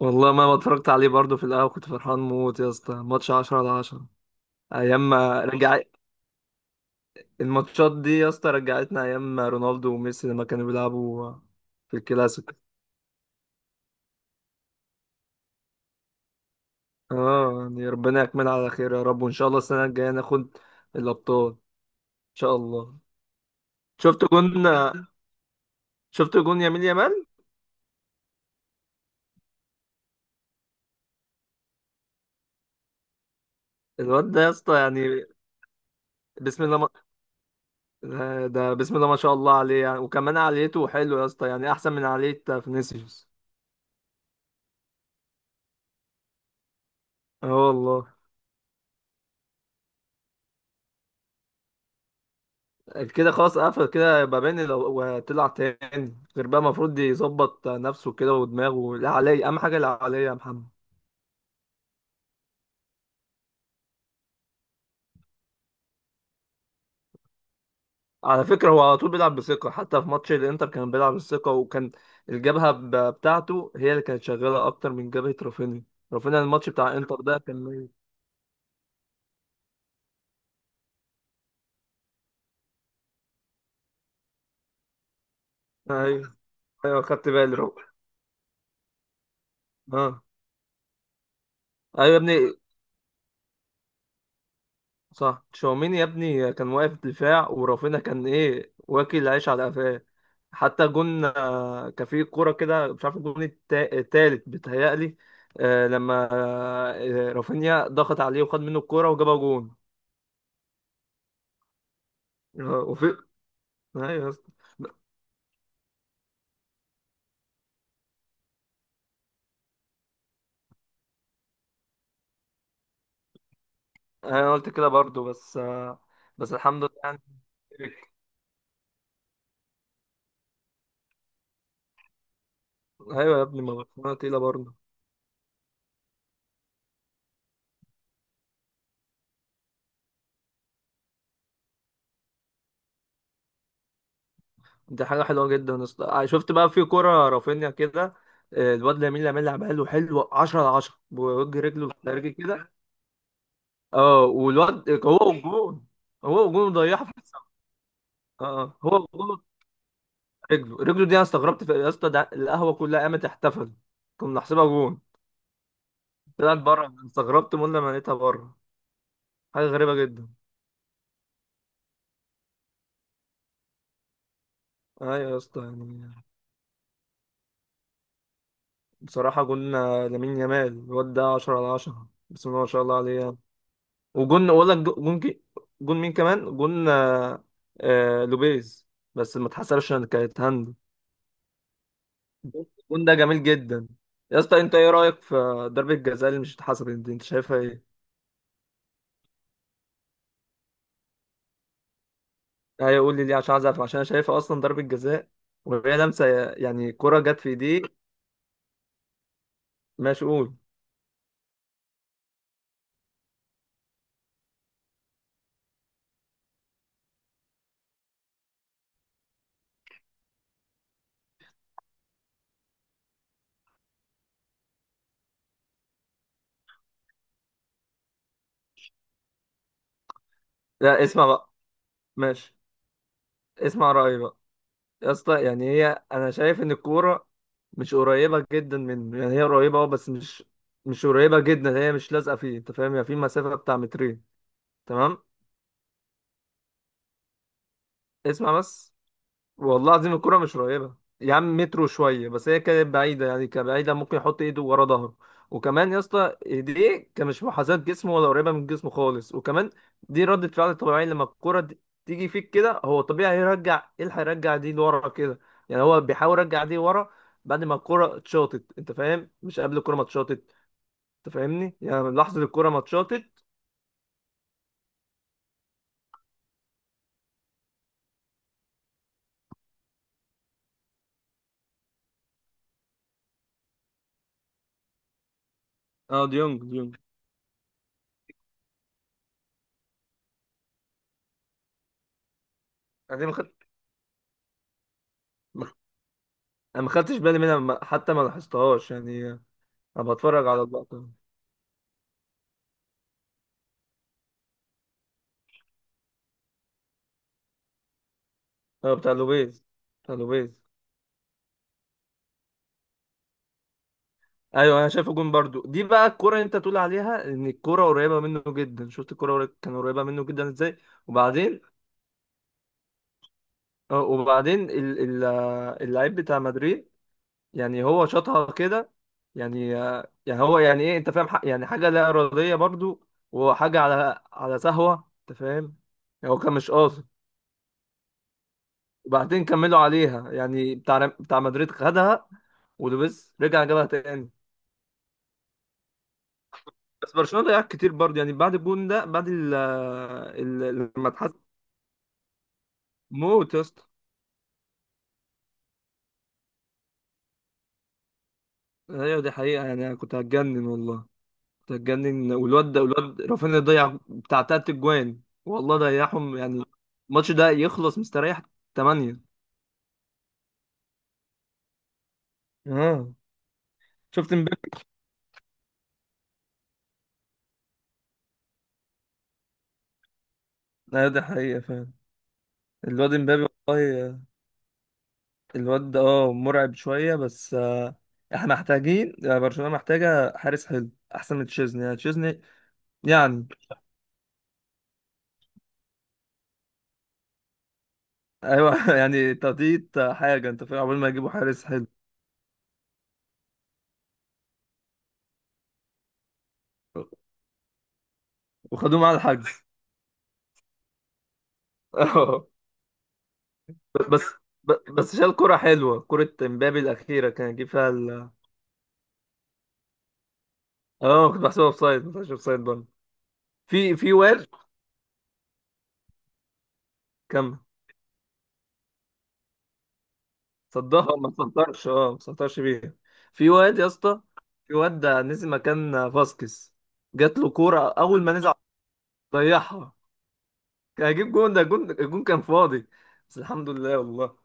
والله، ما اتفرجت عليه، برضه في القهوة كنت فرحان موت يا اسطى، ماتش 10 على 10. ايام ما رجع. الماتشات دي يا اسطى رجعتنا ايام ما رونالدو وميسي لما كانوا بيلعبوا في الكلاسيكو. اه، يعني ربنا يكملها على خير يا رب، وان شاء الله السنة الجاية ناخد الابطال ان شاء الله. شفت جون شفت جون يمين يامال. الواد ده يا اسطى يعني بسم الله ما... ده بسم الله ما شاء الله عليه يعني، وكمان عاليته حلو يا اسطى، يعني احسن من عالية فينيسيوس. اه والله. كده خلاص، قفل كده، يبقى بين لو وطلع تاني غير بقى. المفروض يظبط نفسه كده، ودماغه لا عليه، اهم حاجه لا عليه يا محمد. على فكره، هو على طول بيلعب بثقه، حتى في ماتش الانتر كان بيلعب بثقه، وكان الجبهه بتاعته هي اللي كانت شغاله اكتر من جبهه رافينيا. رافينيا الماتش بتاع انتر ده كان ميت. ايوه، ايوه، خدت بالي رو. اه. ايوه يا ابني. صح، تشاوميني يا ابني كان واقف دفاع، ورافينا كان ايه، واكل عيش على قفاه. حتى جون، كان في كوره كده مش عارف، الجون التالت بيتهيألي. لما رافينيا ضغط عليه وخد منه الكوره وجابها جون. آه، وفي ايوه يا اسطى. انا قلت كده برضو بس بس الحمد لله يعني. ايوه يا ابني، ما برشلونه تقيله برضو. دي حاجة حلوة جدا شفت بقى في كرة رافينيا كده. الواد لامين يامال عمله حلو، 10 على 10، بوجه رجله خارجي كده. اه والواد هو والجون. هو والجون ضيعها في السما. اه، هو والجون. رجله، رجله دي، انا استغربت في يا اسطى، ده القهوة كلها قامت احتفلت. كنا نحسبها جون. طلعت بره، استغربت من لما لقيتها بره. حاجة غريبة جدا. ايوه يا اسطى يعني. بصراحة جون لامين يامال الواد ده 10 على 10، بسم الله ما شاء الله عليه يعني. وجون ولا جون جون مين كمان جون. لوبيز. بس ما اتحسبش ان كانت هاند. الجون ده جميل جدا. يا اسطى، انت ايه رايك في ضربه الجزاء اللي مش اتحسبت دي، انت شايفها ايه؟ ايوه قول لي ليه، عشان عايز اعرف، عشان انا شايفها اصلا ضربه جزاء. وهي لمسه، يعني كره جت في ايديه. ماشي قول. لا، اسمع بقى. ماشي. اسمع رايي بقى. يا اسطى يعني هي، انا شايف ان الكوره مش قريبه جدا منه، يعني هي قريبه اه، بس مش قريبه جدا، هي مش لازقه فيه، انت فاهم يعني في مسافه بتاع مترين. تمام. اسمع بس. والله العظيم الكرة مش قريبة. يا عم مترو شوية بس، هي كانت بعيدة يعني، كبعيدة ممكن يحط ايده ورا ظهره. وكمان يا اسطى ايديه كان مش محاذاة جسمه ولا قريبة من جسمه خالص. وكمان دي ردة فعل طبيعية، لما الكرة دي تيجي فيك كده، هو طبيعي هيرجع ايه، اللي هيرجع دي لورا كده. يعني هو بيحاول يرجع دي ورا بعد ما الكرة اتشاطت، انت فاهم، مش قبل الكرة ما اتشاطت. انت فاهمني، يعني من لحظة الكرة ما اتشاطت. اه، ديونج ديونج. انا ما خدت ما- انا ما خدتش بالي منها، حتى ما لاحظتهاش يعني. انا بتفرج على اللقطة. اه، بتاع لوبيز، بتاع لوبيز. ايوه انا شايفه جون برضو. دي بقى الكرة اللي انت تقول عليها ان الكرة قريبة منه جدا، شفت الكرة كان قريبة منه جدا ازاي. وبعدين. اه وبعدين اللعيب بتاع مدريد، يعني هو شاطها كده. يعني يعني هو يعني ايه، انت فاهم، يعني حاجة لا إرادية برضو، وحاجة على سهوة انت فاهم. يعني هو كان مش قاصد. وبعدين كملوا عليها، يعني بتاع مدريد خدها، ولوبيز رجع جابها تاني. بس برشلونه ضيع كتير برضه يعني، بعد الجون ده، بعد لما اتحسن. موت يا اسطى. ايوه دي حقيقه يعني، انا كنت هتجنن والله. كنت هتجنن، والواد ده، والواد رافينيا ضيع بتاع 3 اجوان، والله ضيعهم يعني. الماتش ده يخلص مستريح 8. اه، شفت امبابي. ايوه دي حقيقه فعلا. الواد امبابي. والله. الواد ده اه مرعب شويه بس. احنا محتاجين، برشلونه محتاجه حارس حلو، احسن من تشيزني يعني، تشيزني يعني. ايوه يعني تقطيط حاجه، انت فاهم، عقبال ما يجيبوا حارس حلو. وخدوه معاه الحجز. اه. بس بس شال كرة حلوة، كرة امبابي الأخيرة كان يجيب فيها ال. اه، كنت بحسبها اوفسايد، ما طلعش اوفسايد برضه. في واد. كمل. صدها ما سنطرش، اه ما سنطرش بيها. في واد يا اسطى، في واد ده نزل مكان فاسكيز. جات له كورة أول ما نزل، ضيعها. كان هيجيب جون، ده جون الجون كان فاضي. بس الحمد لله والله.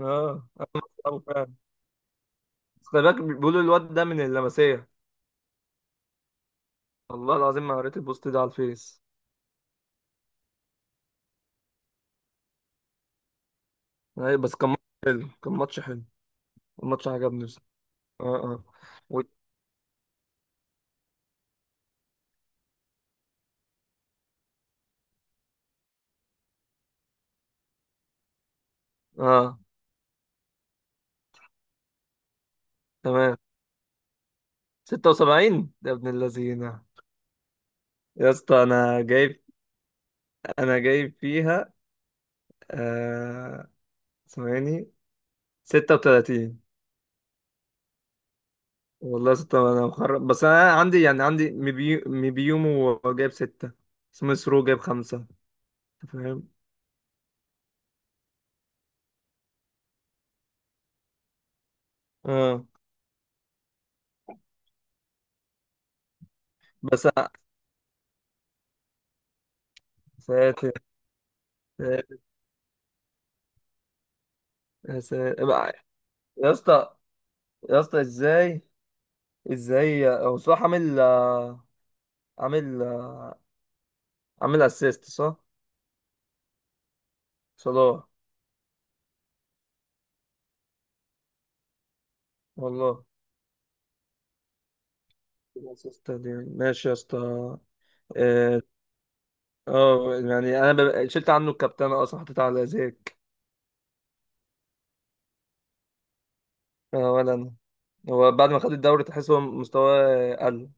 اه، آه، آه، آه. بس خلي بالك، بيقولوا الواد ده من اللمسية. والله العظيم، ما قريت البوست ده على الفيس. أيوة، بس كان ماتش حلو. الماتش عجبني بس. اه، اه. و... اه. تمام. 76 ده ابن اللذينة. يا اسطى انا جايب. انا جايب فيها آه... ثواني، 36. والله 6، انا مخرب، بس انا عندي يعني عندي مبيومو جايب 6. سميث رو جايب 5. أنت فاهم. اه بس أنا- ساتر، ساتر. يا ساتر. يا اسطى. يا اسطى ازاي ازاي هو صلاح عامل آه، عامل اسيست، صح؟ صلاح. والله. اسيست دي. ماشي يا اسطى. اه، يعني انا شلت عنه الكابتنه اصلا، حطيت على زيك. اه ولا انا. هو بعد ما خد الدوري تحس هو مستواه قل.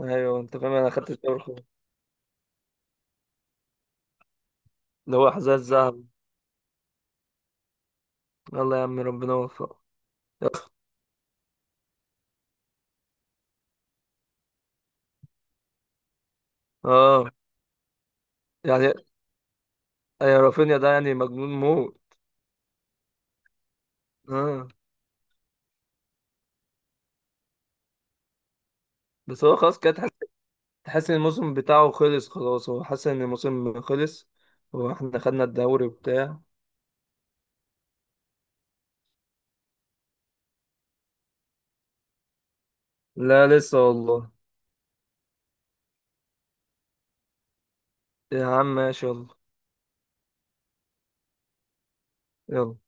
ايوه انت فاهم، انا خدت الدوري خلاص. اللي هو حذاء الذهب. يلا يا عم، ربنا يوفقه. اه يعني. يا رافينيا ده يعني مجنون موت. اه. بس هو خلاص كده، تحس ان الموسم بتاعه خلص خلاص، هو حاسس ان الموسم خلص. هو احنا خدنا الدوري وبتاع. لا لسه والله. يا عم ماشي يلا. يلا.